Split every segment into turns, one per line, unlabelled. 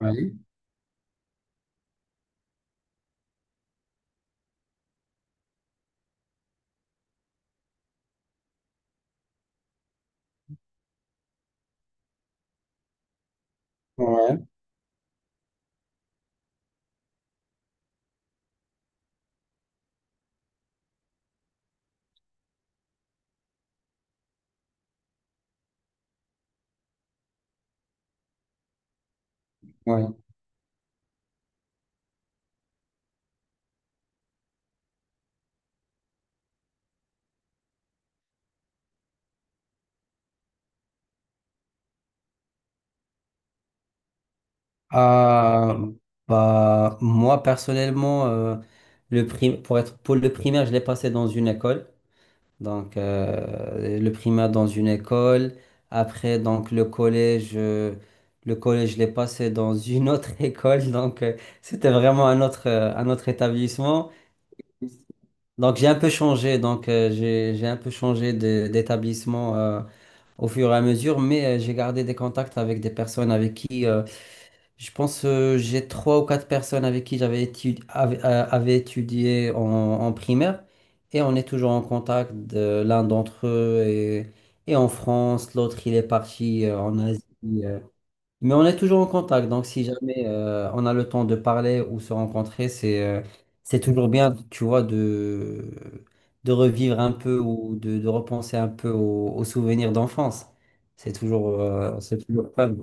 Ouais, ouais, ouais. Euh, moi, personnellement, pour être, pour le primaire, je l'ai passé dans une école. Donc, le primaire dans une école. Après, donc, le collège, je l'ai passé dans une autre école. Donc, c'était vraiment un autre établissement. Donc j'ai un peu changé, donc j'ai un peu changé d'établissement au fur et à mesure, mais j'ai gardé des contacts avec des personnes avec qui. Je pense j'ai trois ou quatre personnes avec qui j'avais étudié, étudié en primaire et on est toujours en contact. L'un d'entre eux est en France, l'autre il est parti en Asie. euh. Mais on est toujours en contact, donc si jamais on a le temps de parler ou se rencontrer, c'est toujours bien, tu vois, de revivre un peu ou de repenser un peu aux souvenirs d'enfance. C'est toujours fun.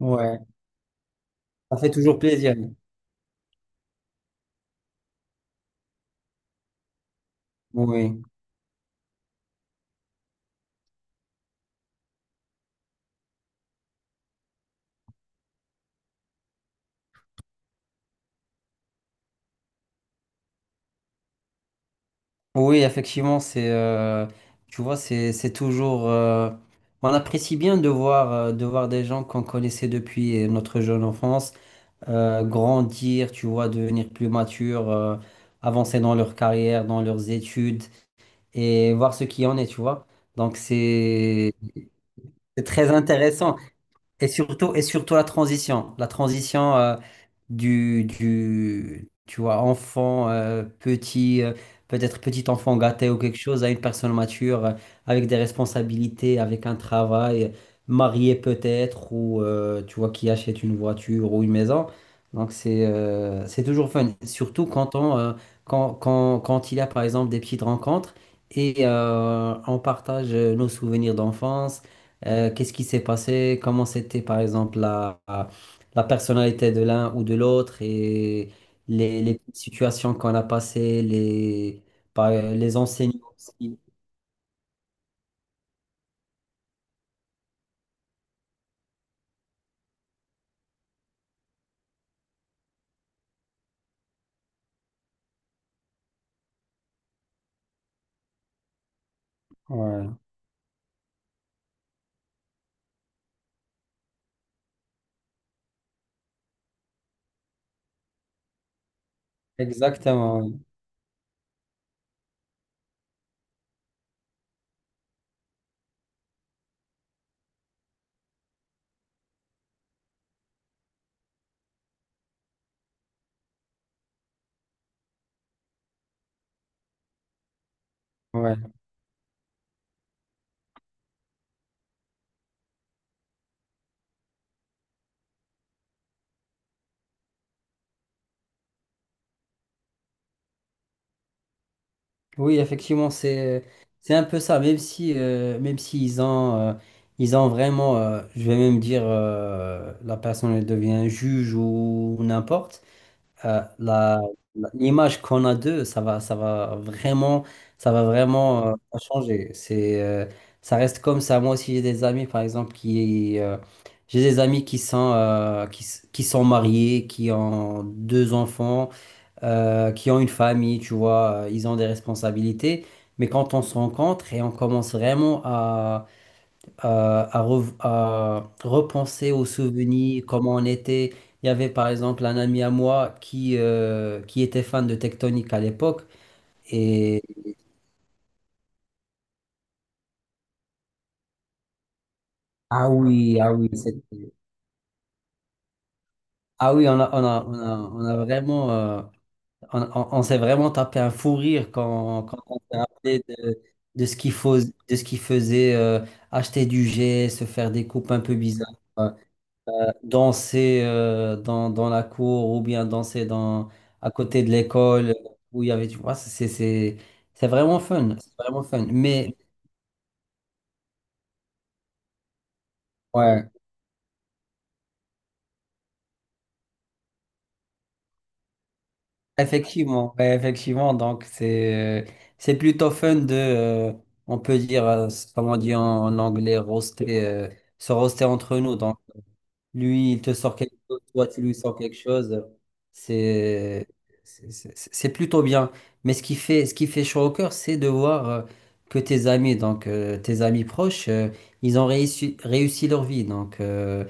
Ouais. Ça fait toujours plaisir. Oui, oui, effectivement, tu vois, c'est toujours, on apprécie bien de voir des gens qu'on connaissait depuis notre jeune enfance, grandir, tu vois, devenir plus mature, avancer dans leur carrière, dans leurs études et voir ce qui en est, tu vois. Donc c'est très intéressant. Et surtout la transition, la transition du, tu vois, enfant, petit, peut-être petit enfant gâté ou quelque chose, à une personne mature, avec des responsabilités, avec un travail, marié peut-être, ou tu vois, qui achète une voiture ou une maison. Donc c'est toujours fun, surtout quand quand, quand il y a par exemple des petites rencontres et on partage nos souvenirs d'enfance. Qu'est-ce qui s'est passé? Comment c'était, par exemple, la personnalité de l'un ou de l'autre et les petites situations qu'on a passées, les enseignants aussi. Ouais, exactement. Ouais. Ouais. Oui, effectivement, c'est un peu ça, même si ils ont, ils ont vraiment, je vais même dire, la personne elle devient juge ou n'importe. euh, la- L'image qu'on a d'eux, ça va vraiment changer. Ça reste comme ça. Moi aussi, j'ai des amis, par exemple, j'ai des amis qui sont, qui sont mariés, qui ont deux enfants, qui ont une famille, tu vois, ils ont des responsabilités. Mais quand on se rencontre et on commence vraiment à repenser aux souvenirs, comment on était. Il y avait par exemple un ami à moi qui était fan de Tectonic à l'époque. Et ah oui, ah oui, c'était- ah oui, on a vraiment, on s'est vraiment tapé un fou rire quand on s'est rappelé de ce qu'il faisait, acheter du jet, se faire des coupes un peu bizarres. euh, Danser dans la cour ou bien danser à côté de l'école où il y avait, tu vois, c'est vraiment fun, c'est vraiment fun. Mais ouais, ouais, effectivement, donc c'est plutôt fun on peut dire, comment on dit en anglais, roaster, se roaster entre nous. Donc, lui, il te sort quelque chose, toi, tu lui sors quelque chose. C'est c'est plutôt bien. Mais ce qui fait chaud au cœur, c'est de voir que tes amis, donc tes amis proches, ils ont réussi leur vie. Donc,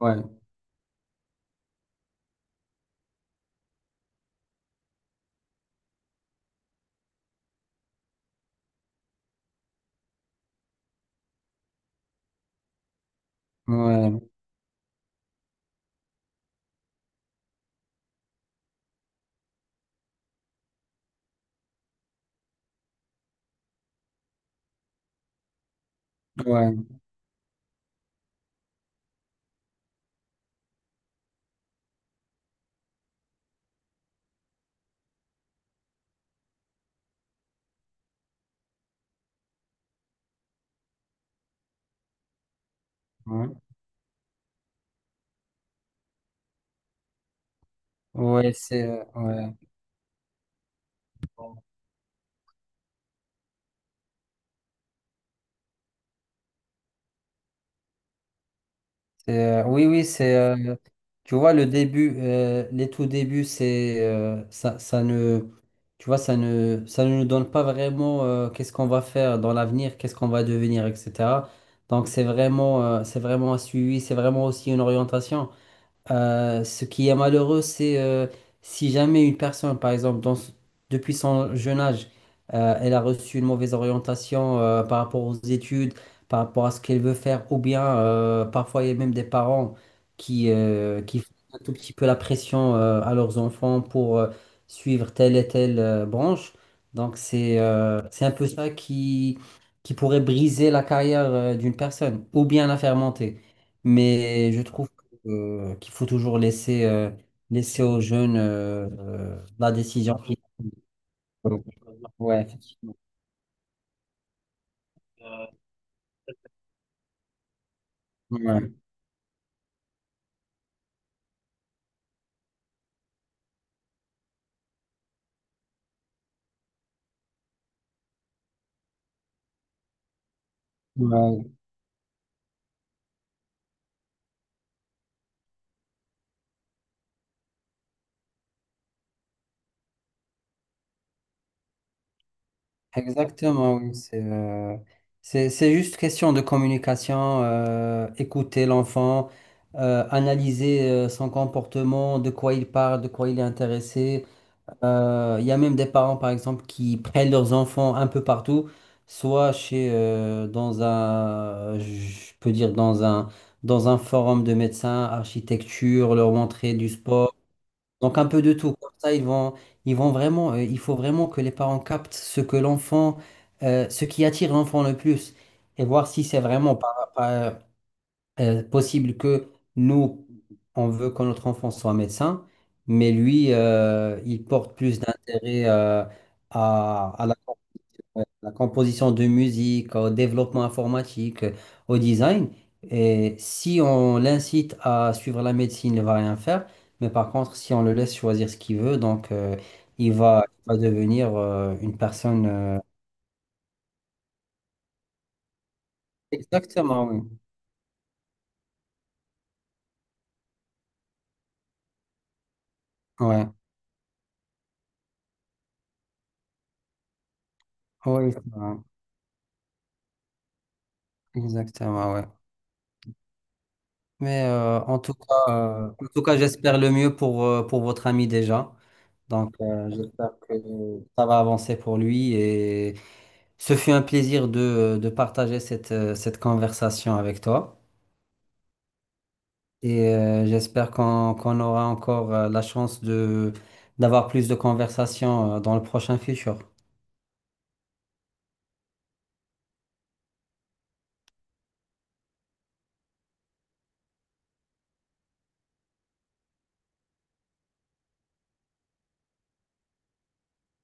ouais, ouais, ouais, ouais, ouais. Oui, oui, c'est. Tu vois, le début, les tout débuts, ça ne. Tu vois, ça ne nous donne pas vraiment qu'est-ce qu'on va faire dans l'avenir, qu'est-ce qu'on va devenir, etc. Donc, c'est vraiment un suivi, c'est vraiment aussi une orientation. Ce qui est malheureux, c'est si jamais une personne, par exemple, depuis son jeune âge, elle a reçu une mauvaise orientation par rapport aux études, par rapport à ce qu'elle veut faire, ou bien parfois il y a même des parents qui font un tout petit peu la pression à leurs enfants pour suivre telle et telle branche. Donc c'est un peu ça qui pourrait briser la carrière d'une personne, ou bien la faire monter. Mais je trouve qu'il faut toujours laisser, laisser aux jeunes la décision finale. Donc, Ouais, effectivement. Ouais. Ouais. Exactement, oui. C'est juste question de communication, écouter l'enfant, analyser son comportement, de quoi il parle, de quoi il est intéressé. Il y a même des parents, par exemple, qui prennent leurs enfants un peu partout, soit je peux dire, dans un forum de médecins, architecture, leur montrer du sport, donc un peu de tout. Comme ça, ils vont vraiment, il faut vraiment que les parents captent ce que l'enfant, ce qui attire l'enfant le plus, et voir si c'est vraiment possible que nous, on veut que notre enfant soit médecin, mais lui, il porte plus d'intérêt à, à la, à la composition de musique, au développement informatique, au design. Et si on l'incite à suivre la médecine, il ne va rien faire. Mais par contre, si on le laisse choisir ce qu'il veut, donc il va devenir une personne. Exactement, oui. Ouais. Oui, c'est vrai. Exactement, ouais. Mais en tout cas, j'espère le mieux pour votre ami déjà. Donc, j'espère que ça va avancer pour lui. Et ce fut un plaisir de partager cette conversation avec toi. Et j'espère qu'on aura encore la chance de d'avoir plus de conversations dans le prochain futur.